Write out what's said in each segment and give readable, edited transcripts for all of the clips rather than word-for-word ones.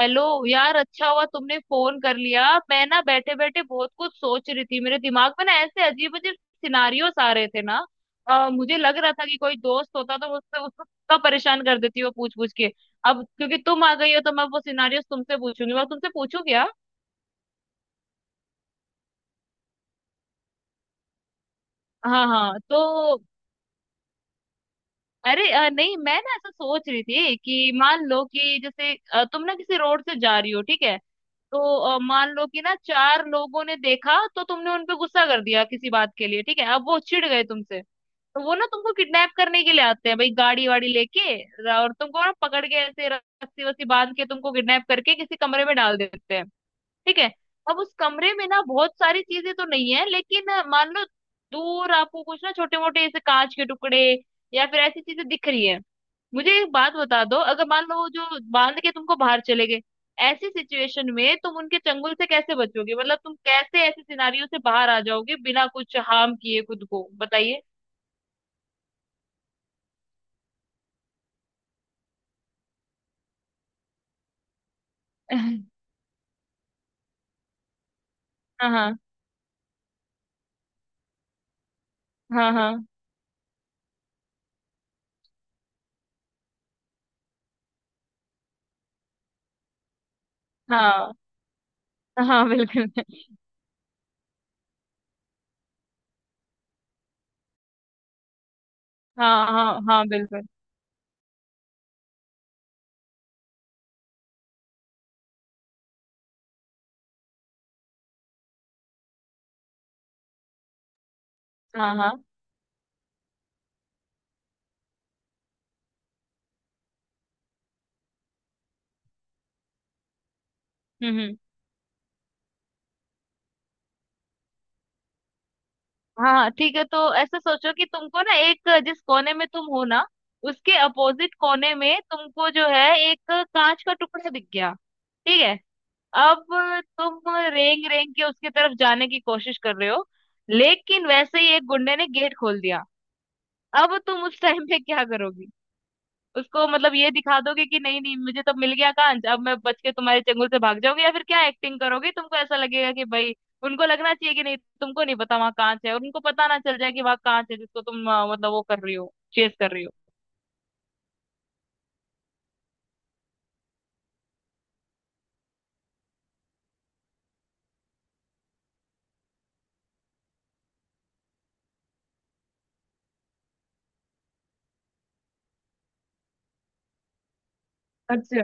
Hello यार, अच्छा हुआ तुमने फोन कर लिया। मैं ना बैठे बैठे बहुत कुछ सोच रही थी। मेरे दिमाग में ना ऐसे अजीब अजीब सिनारियोस आ रहे थे ना। मुझे लग रहा था कि कोई दोस्त होता तो मुझसे उसको कब परेशान कर देती वो पूछ पूछ के। अब क्योंकि तुम आ गई हो तो मैं वो सिनारियोस तुमसे पूछूंगी, मैं तुमसे पूछू क्या? हाँ हाँ, तो अरे नहीं, मैं ना ऐसा सोच रही थी कि मान लो कि जैसे तुम ना किसी रोड से जा रही हो, ठीक है? तो मान लो कि ना चार लोगों ने देखा तो तुमने उन पे गुस्सा कर दिया किसी बात के लिए, ठीक है? अब वो चिढ़ गए तुमसे, तो वो ना तुमको किडनैप करने के लिए आते हैं भाई, गाड़ी वाड़ी लेके, और तुमको ना पकड़ के ऐसे रस्सी वस्सी बांध के तुमको किडनैप करके किसी कमरे में डाल देते हैं, ठीक है? अब उस कमरे में ना बहुत सारी चीजें तो नहीं है, लेकिन मान लो दूर आपको कुछ ना छोटे मोटे ऐसे कांच के टुकड़े या फिर ऐसी चीजें दिख रही है। मुझे एक बात बता दो, अगर मान लो वो जो बांध के तुमको बाहर चले गए, ऐसी सिचुएशन में तुम उनके चंगुल से कैसे बचोगे? मतलब तुम कैसे ऐसे सिनारियों से बाहर आ जाओगे बिना कुछ हार्म किए खुद को, बताइए। हाँ हाँ हाँ। हाँ हाँ, हाँ बिल्कुल। हाँ हाँ हाँ, बिल्कुल। हाँ हाँ। हम्म। हाँ ठीक है, तो ऐसा सोचो कि तुमको ना एक जिस कोने में तुम हो ना, उसके अपोजिट कोने में तुमको जो है एक कांच का टुकड़ा दिख गया, ठीक है? अब तुम रेंग रेंग के उसकी तरफ जाने की कोशिश कर रहे हो, लेकिन वैसे ही एक गुंडे ने गेट खोल दिया। अब तुम उस टाइम पे क्या करोगी? उसको मतलब ये दिखा दोगे कि नहीं नहीं, मुझे तो मिल गया कांच, अब मैं बच के तुम्हारे चंगुल से भाग जाऊंगी, या फिर क्या एक्टिंग करोगे तुमको ऐसा लगेगा कि भाई उनको लगना चाहिए कि नहीं, तुमको नहीं पता वहाँ कांच है, और उनको पता ना चल जाए कि वहाँ कांच है जिसको तुम मतलब वो कर रही हो, चेस कर रही हो। अच्छा।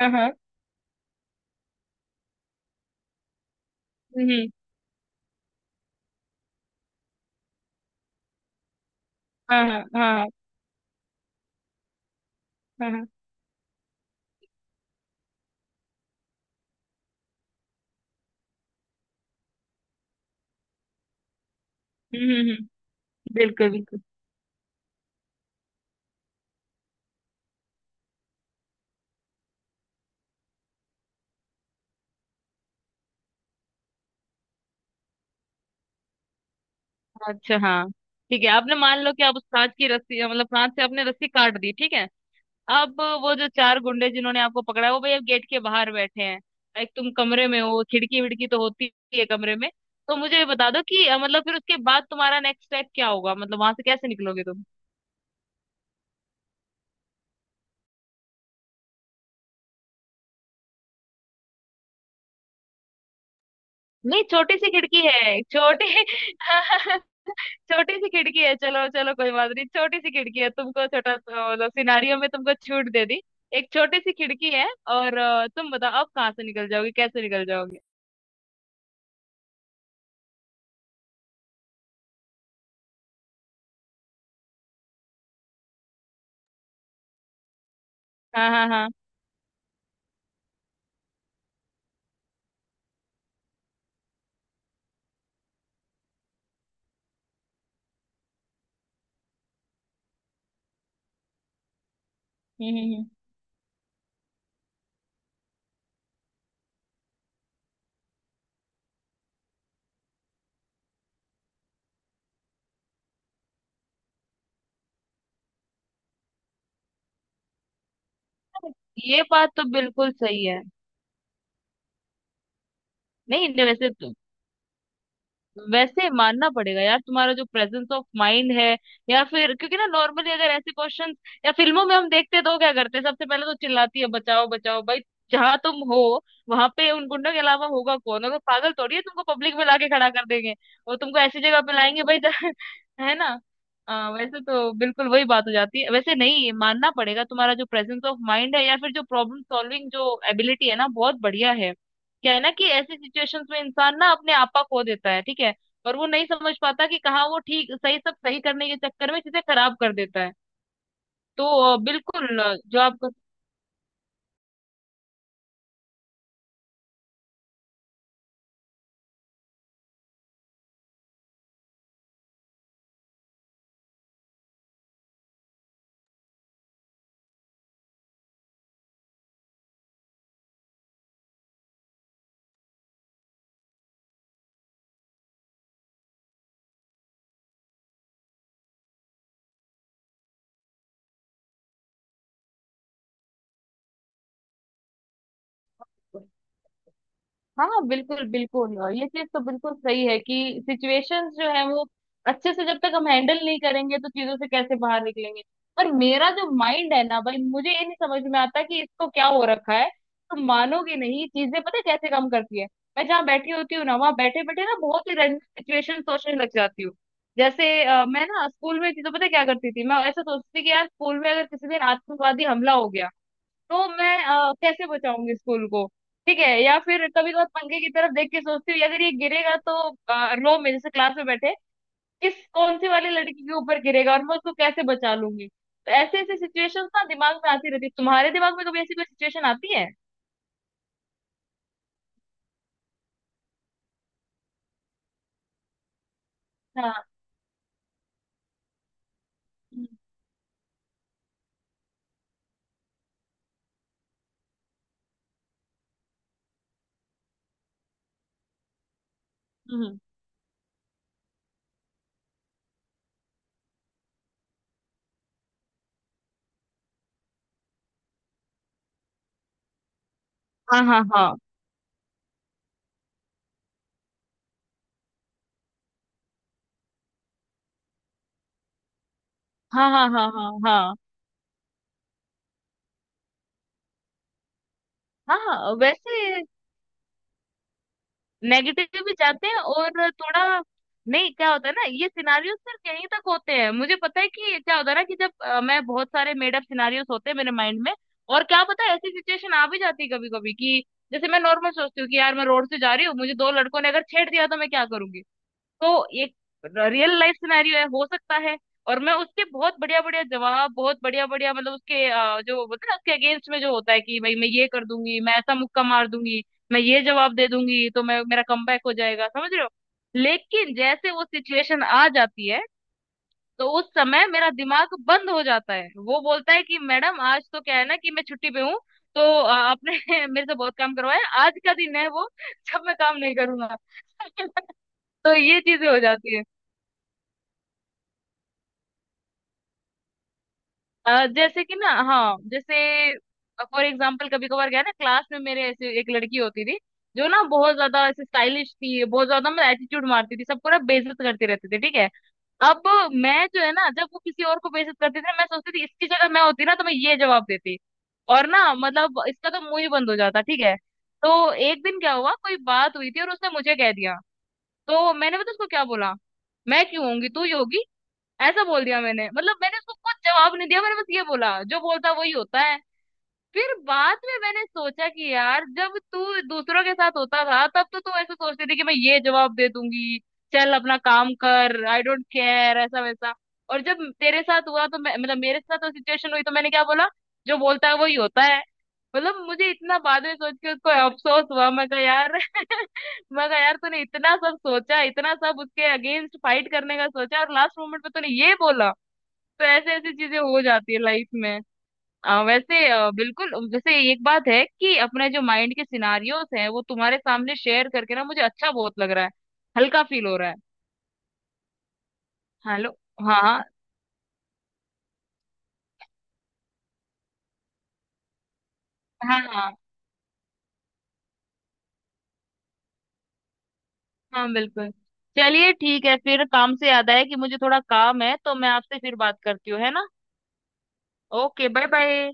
हाँ हाँ। हम्म। हाँ हाँ हाँ हाँ हाँ, हम्म। हम्म। बिल्कुल बिल्कुल। अच्छा हाँ, ठीक है। आपने मान लो कि आप उस कांच की रस्सी मतलब कांच से आपने रस्सी काट दी, ठीक है? अब वो जो चार गुंडे जिन्होंने आपको पकड़ा है वो भाई अब गेट के बाहर बैठे हैं। एक तुम कमरे में हो, खिड़की विड़की तो होती ही है कमरे में। तो मुझे ये बता दो कि मतलब फिर उसके बाद तुम्हारा नेक्स्ट स्टेप क्या होगा? मतलब वहां से कैसे निकलोगे तुम? नहीं, छोटी सी खिड़की है, छोटी। छोटी सी खिड़की है, चलो चलो, कोई बात नहीं, छोटी सी खिड़की है, तुमको छोटा मतलब सिनारियो में तुमको छूट दे दी। एक छोटी सी खिड़की है, और तुम बताओ अब कहाँ से निकल जाओगे, कैसे निकल जाओगे? हाँ हाँ हाँ। हम्म। हम्म। ये बात तो बिल्कुल सही है। नहीं नहीं, वैसे तो वैसे मानना पड़ेगा यार, तुम्हारा जो प्रेजेंस ऑफ माइंड है, या फिर क्योंकि ना नॉर्मली अगर ऐसे क्वेश्चंस या फिल्मों में हम देखते हैं तो वो क्या करते हैं, सबसे पहले तो चिल्लाती है, बचाओ बचाओ। भाई जहां तुम हो वहां पे उन गुंडों के अलावा होगा कौन? अगर पागल थोड़ी है तुमको पब्लिक में लाके खड़ा कर देंगे, वो तुमको ऐसी जगह पे लाएंगे भाई जहाँ- है ना। वैसे तो बिल्कुल वही बात हो जाती है वैसे। नहीं, मानना पड़ेगा तुम्हारा जो प्रेजेंस ऑफ माइंड है या फिर जो प्रॉब्लम सॉल्विंग जो एबिलिटी है ना, बहुत बढ़िया है। क्या है ना कि ऐसी सिचुएशंस में इंसान ना अपने आपा खो देता है, ठीक है, और वो नहीं समझ पाता कि कहाँ वो ठीक, सही सब सही करने के चक्कर में चीजें खराब कर देता है। तो बिल्कुल जो आप- हाँ हाँ, बिल्कुल बिल्कुल। ये चीज तो बिल्कुल सही है कि सिचुएशंस जो है वो अच्छे से जब तक हम हैंडल नहीं करेंगे तो चीजों से कैसे बाहर निकलेंगे। पर मेरा जो माइंड है ना भाई, मुझे ये नहीं समझ में आता कि इसको क्या हो रखा है। तुम मानोगे नहीं, चीजें पता है कैसे काम करती है। मैं जहाँ बैठी होती हूँ ना, वहां बैठे बैठे ना बहुत ही रैंडम सिचुएशन सोचने लग जाती हूँ। जैसे मैं ना स्कूल में चीजों पता है क्या करती थी, मैं ऐसा सोचती थी कि यार स्कूल में अगर किसी दिन आतंकवादी हमला हो गया तो मैं कैसे बचाऊंगी स्कूल को, ठीक है? या फिर कभी कभार पंखे की तरफ देख के सोचती हूँ अगर ये गिरेगा तो रो में जैसे क्लास में बैठे किस, कौन सी वाली लड़की के ऊपर गिरेगा और मैं उसको कैसे बचा लूंगी। तो ऐसे ऐसे सिचुएशंस ना दिमाग में आती रहती है। तुम्हारे दिमाग में कभी ऐसी कोई सिचुएशन आती है? हाँ। हम्म। हम्म। हाँ हाँ हाँ हाँ हाँ, हाँ हाँ हाँ हाँ हाँ, वैसे नेगेटिव भी जाते हैं और थोड़ा, नहीं क्या होता है ना, ये सिनारियोस सिर्फ यहीं तक होते हैं। मुझे पता है कि क्या होता है ना कि जब मैं, बहुत सारे मेड अप सिनारियोस होते हैं मेरे माइंड में, और क्या पता ऐसी सिचुएशन आ भी जाती है कभी कभी कि जैसे मैं नॉर्मल सोचती हूँ कि यार मैं रोड से जा रही हूँ मुझे दो लड़कों ने अगर छेड़ दिया तो मैं क्या करूंगी, तो ये रियल लाइफ सिनेरियो है, हो सकता है। और मैं उसके बहुत बढ़िया बढ़िया जवाब, बहुत बढ़िया बढ़िया मतलब उसके जो होता है ना, उसके अगेंस्ट में जो होता है कि भाई मैं ये कर दूंगी, मैं ऐसा मुक्का मार दूंगी, मैं ये जवाब दे दूंगी, तो मैं मेरा कमबैक हो जाएगा, समझ रहे हो? लेकिन जैसे वो सिचुएशन आ जाती है, तो उस समय मेरा दिमाग बंद हो जाता है, वो बोलता है कि मैडम आज तो क्या है ना कि मैं छुट्टी पे हूँ, तो आपने मेरे से बहुत काम करवाया, आज का दिन है वो जब मैं काम नहीं करूंगा। तो ये चीजें हो जाती है। जैसे कि ना, हाँ जैसे फॉर एग्जाम्पल कभी कभार क्या है ना, क्लास में मेरे ऐसे एक लड़की होती थी जो ना बहुत ज्यादा ऐसे स्टाइलिश थी, बहुत ज्यादा मैं एटीट्यूड मारती थी, सबको ना बेइज्जत करती रहती थी, ठीक है? अब मैं जो है ना, जब वो किसी और को बेइज्जत करती थी ना, मैं सोचती थी इसकी जगह मैं होती ना तो मैं ये जवाब देती और ना मतलब इसका तो मुंह ही बंद हो जाता, ठीक है? तो एक दिन क्या हुआ, कोई बात हुई थी और उसने मुझे कह दिया, तो मैंने पता उसको क्या बोला, मैं क्यों होंगी तू ही होगी, ऐसा बोल दिया मैंने। मतलब मैंने उसको कुछ जवाब नहीं दिया, मैंने बस ये बोला जो बोलता वही होता है। फिर बाद में मैंने सोचा कि यार जब तू दूसरों के साथ होता था तब तो तू ऐसे सोचती थी कि मैं ये जवाब दे दूंगी, चल अपना काम कर, आई डोंट केयर, ऐसा वैसा, और जब तेरे साथ हुआ तो मैं मतलब मेरे साथ वो सिचुएशन हुई तो मैंने क्या बोला, जो बोलता है वही होता है। मतलब मुझे इतना बाद में सोच के उसको अफसोस हुआ, मैं कहा यार, मैं कहा यार तूने इतना सब सोचा, इतना सब उसके अगेंस्ट फाइट करने का सोचा और लास्ट मोमेंट पे तूने ये बोला। तो ऐसे ऐसी चीजें हो जाती है लाइफ में। वैसे बिल्कुल, वैसे एक बात है कि अपने जो माइंड के सिनारियोस हैं वो तुम्हारे सामने शेयर करके ना मुझे अच्छा बहुत लग रहा है, हल्का फील हो रहा है। हेलो। हाँ। हाँ हाँ हाँ। हाँ, बिल्कुल। चलिए ठीक है, फिर काम से याद आया कि मुझे थोड़ा काम है, तो मैं आपसे फिर बात करती हूँ, है ना? Okay, bye bye.